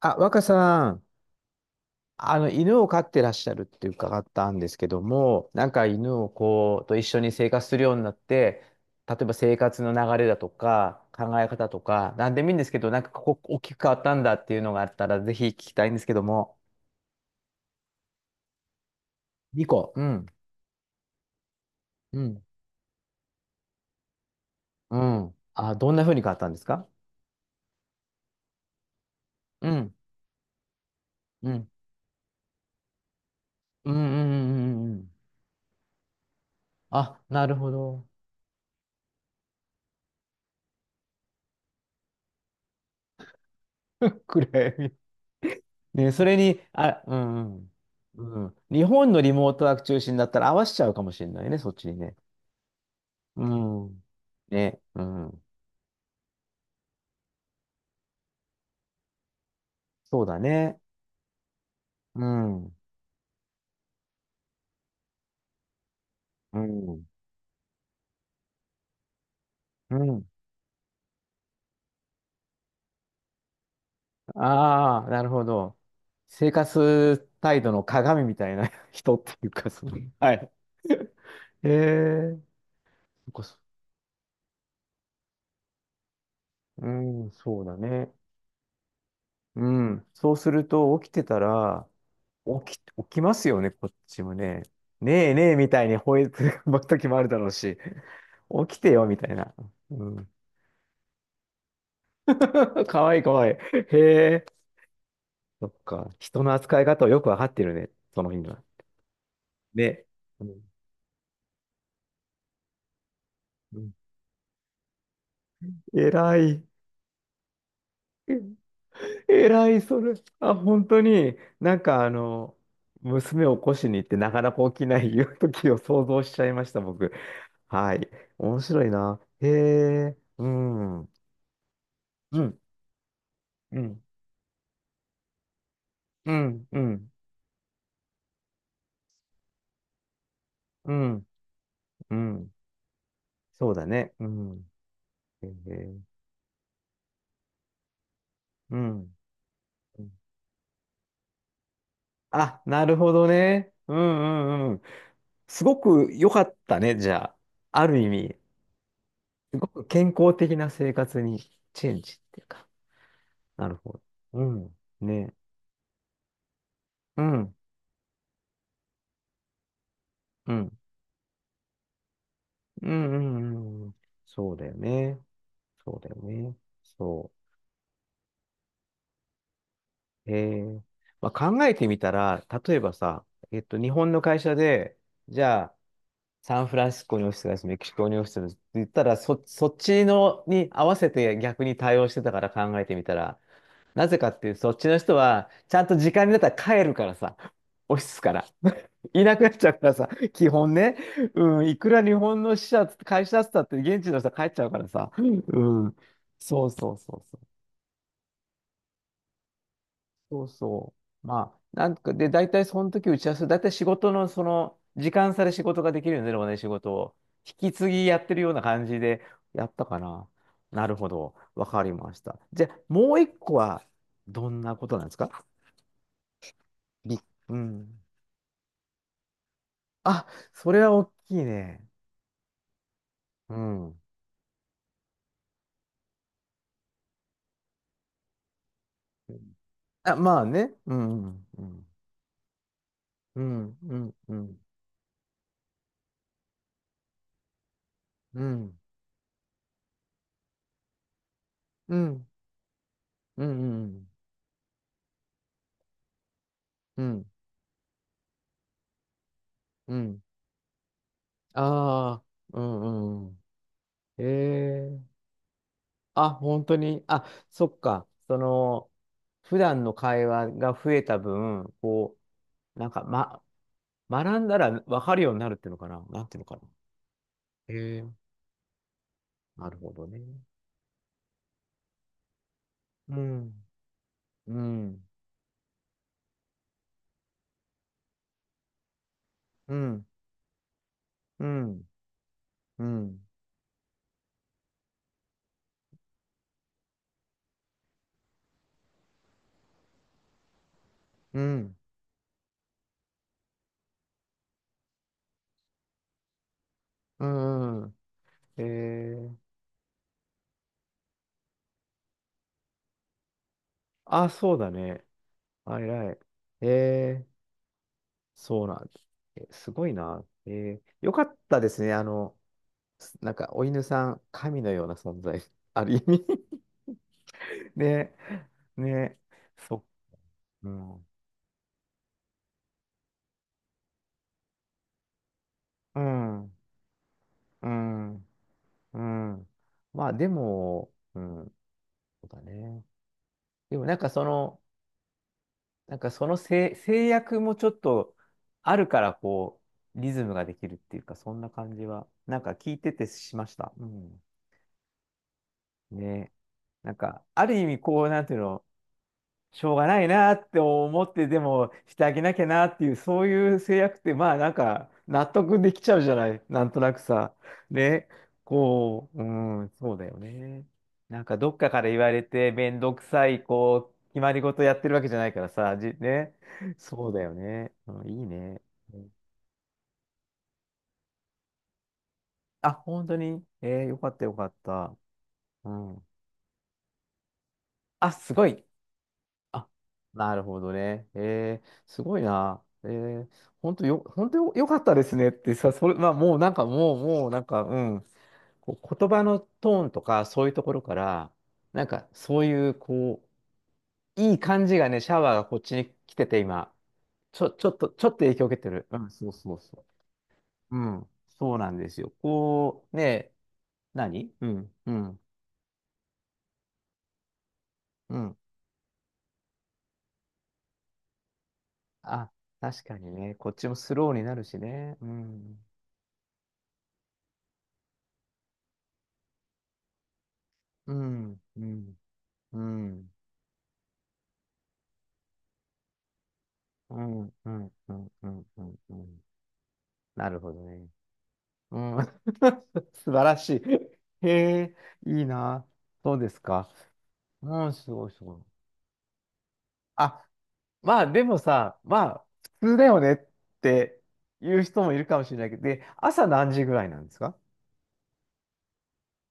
あ、若さん、犬を飼ってらっしゃるって伺ったんですけども、犬をこう、と一緒に生活するようになって、例えば生活の流れだとか、考え方とか、なんでもいいんですけど、なんかここ大きく変わったんだっていうのがあったら、ぜひ聞きたいんですけども。2個。うん。うん。うん。あ、どんな風に変わったんですか？うん。うん。うんうんうんうんうん。あ、なるほど。暗闇。ね、それに、あ、うんうん。うん。日本のリモートワーク中心だったら合わせちゃうかもしれないね、そっちにね。うん。ね、うん。そうだね。うん。うん。うん。ああ、なるほど。生活態度の鏡みたいな 人っていうか、その、はい。へえ。そっかそうん、そうだね。うん。そうすると、起きてたら、起きますよね、こっちもね。ねえねえみたいに吠えてる時もあるだろうし、起きてよみたいな。うん。かわいいかわいい。へえ。そっか。人の扱い方をよくわかってるね、その日には。ね。うん。うん偉い。偉い、それ。あ、本当に、娘を起こしに行ってなかなか起きないいう時を想像しちゃいました、僕。はい。面白いな。へえ。うん。うん。うん。うん、うん、うん、うん。そうだね。うん。えーうん。うんあ、なるほどね。うんうんうん。すごく良かったね、じゃあ。ある意味、すごく健康的な生活にチェンジっていうか。なるほど。うん。ね。うん。うん。うんうんうん。そうだよね。そうだよね。そう。えーまあ、考えてみたら、例えばさ、日本の会社で、じゃあ、サンフランシスコにオフィスがあるし、メキシコにオフィスがあるしって言ったら、そっちのに合わせて逆に対応してたから考えてみたら、なぜかっていう、そっちの人は、ちゃんと時間になったら帰るからさ、オフィスから。いなくなっちゃうからさ、基本ね、うん、いくら日本の会社だったって現地の人は帰っちゃうからさ、うん、そうそうそうそう。そうそう。大体その時打ち合わせ、大体仕事のその、時間差で仕事ができるよね、でもね、仕事を。引き継ぎやってるような感じでやったかな。なるほど。わかりました。じゃあ、もう一個は、どんなことなんですか？び、うん。あ、それは大きいね。うん。あ、まあね。うん。うん。うん。うん。うん。うん。うん。うん。うん。うん。うん。ああ。うん。うん。ええあ、本当に。あ、そっか。その、普段の会話が増えた分、う、なんか、ま、学んだら分かるようになるっていうのかな。なんていうのかな。ええなるほどね。うん、うん、うん、うん、うん、うん、うん、うんええあ、そうだね。あ偉い。ええそうなんだ。えすごいな。ええよかったですね。お犬さん、神のような存在、ある意味 ね、ね、そうん、うん、うん、うん。まあ、でも、うん、そうだね。でも、制約もちょっとあるから、こう、リズムができるっていうか、そんな感じは、なんか聞いててしました。うん。ね、なんか、ある意味、こう、なんていうの、しょうがないなって思ってでもしてあげなきゃなっていうそういう制約ってまあなんか納得できちゃうじゃないなんとなくさねこううんそうだよねなんかどっかから言われて面倒くさいこう決まり事やってるわけじゃないからさじねそうだよね、うん、いいねうんあ本当にえー、よかったよかったうんあすごいあなるほどね。えー、すごいな。えー、本当よ、本当よ、よかったですねってさ、それ、まあ、もうなんか、もう、もうなんか、うん。こう言葉のトーンとか、そういうところから、なんか、そういう、こう、いい感じがね、シャワーがこっちに来てて、今。ちょっと影響を受けてる。うん、そうそうそう。うん、そうなんですよ。こう、ね、何うん、うん、うん。あ、確かにね、こっちもスローになるしね。うん、うん、うん。うん。うん。うん。うん。うん。うん。うんなるほどね。うん。素晴らしい。へえ、いいな。そうですか。うん、すごいすごい。あ、まあでもさ、まあ、普通だよねって言う人もいるかもしれないけど、で、朝何時ぐらいなんですか？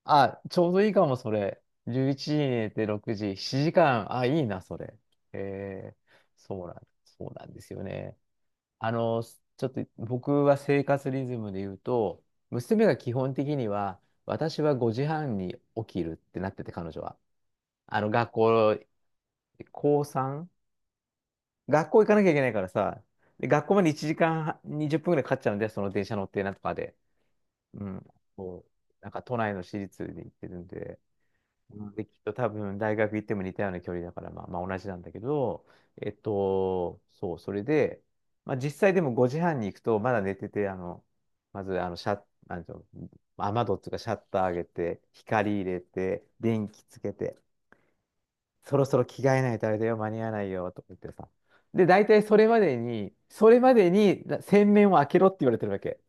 あ、ちょうどいいかも、それ。11時に寝て6時、7時間。あ、いいな、それ。へそうなん、そうなんですよね。あの、ちょっと僕は生活リズムで言うと、娘が基本的には、私は5時半に起きるってなってて、彼女は。あの、学校、高3、学校行かなきゃいけないからさ、で、学校まで1時間20分ぐらいかかっちゃうんで、その電車乗ってなんとかで。うん。こう、なんか都内の私立に行ってるんで、うんで、きっと多分大学行っても似たような距離だから、まあ、まあ同じなんだけど、そう、それで、まあ実際でも5時半に行くと、まだ寝てて、あの、まず、あの、シャッ、なんていうの、雨戸っていうかシャッター上げて、光入れて、電気つけて、そろそろ着替えないとあれだよ、間に合わないよ、とか言ってさ。で、大体それまでに、それまでにな洗面を開けろって言われてるわけ。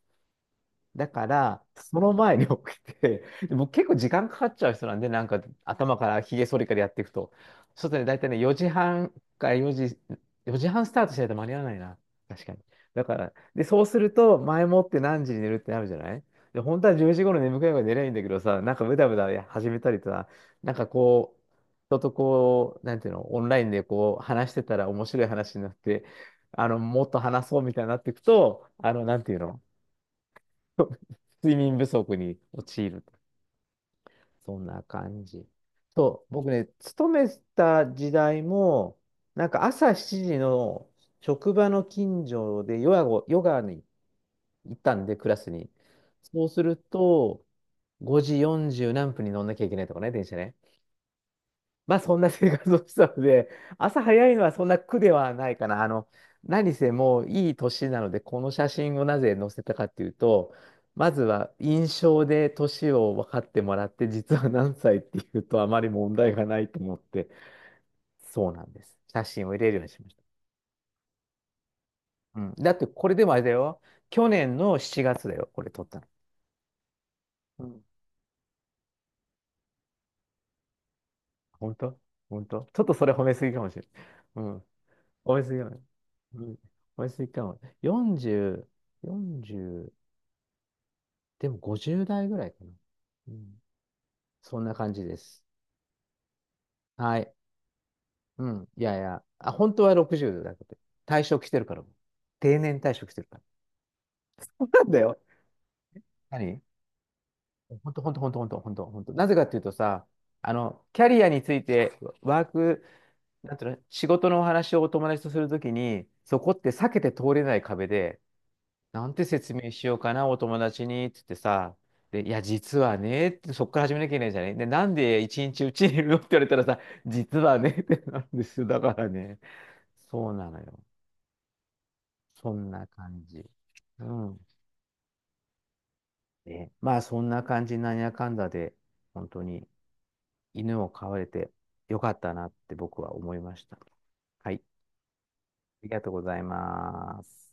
だから、その前に起きて、でう結構時間かかっちゃう人なんで、なんか頭からひげ剃りからやっていくと。ちょっとね、大体ね、か4時、4時半スタートしないと間に合わないな。確かに。だから、で、そうすると、前もって何時に寝るってなるじゃない？で、本当は10時頃眠くなるから寝ればいいんだけどさ、なんかブダブダ始めたりとか、なんかこう、人とこう、なんていうの、オンラインでこう、話してたら面白い話になって、もっと話そうみたいになっていくと、あの、なんていうの、睡眠不足に陥る。そんな感じ。そう、僕ね、勤めた時代も、なんか朝7時の職場の近所でヨガに行ったんで、クラスに。そうすると、5時40何分に乗んなきゃいけないとかね、電車ね。まあそんな生活をしてたので、朝早いのはそんな苦ではないかな。あの、何せもういい年なので、この写真をなぜ載せたかっていうと、まずは印象で年を分かってもらって、実は何歳っていうとあまり問題がないと思って、そうなんです。写真を入れるようにしました。うん。だってこれでもあれだよ。去年の7月だよ、これ撮ったの。うん本当本当ちょっとそれ褒めすぎかもしれない。うん美味しいよね。うん美味しぎかも。40、40、でも50代ぐらいかな。うん、そんな感じです。はい。うん。いやいや、あ、本当は60だけど、退職してるから。定年退職してるから。そうなんだよ。何本当、本当、本当、本当、本当、本当。なぜかっていうとさ、あの、キャリアについて、ワーク、なんていうの、仕事のお話をお友達とするときに、そこって避けて通れない壁で、なんて説明しようかな、お友達に、っつってさ、で、いや、実はね、ってそっから始めなきゃいけないじゃない。で、なんで一日うちにいるのって言われたらさ、実はね、ってなるんですよ。だからね、そうなのよ。そんな感じ。うん。で、まあ、そんな感じ、なんやかんだで、本当に犬を飼われてよかったなって僕は思いました。はい。ありがとうございます。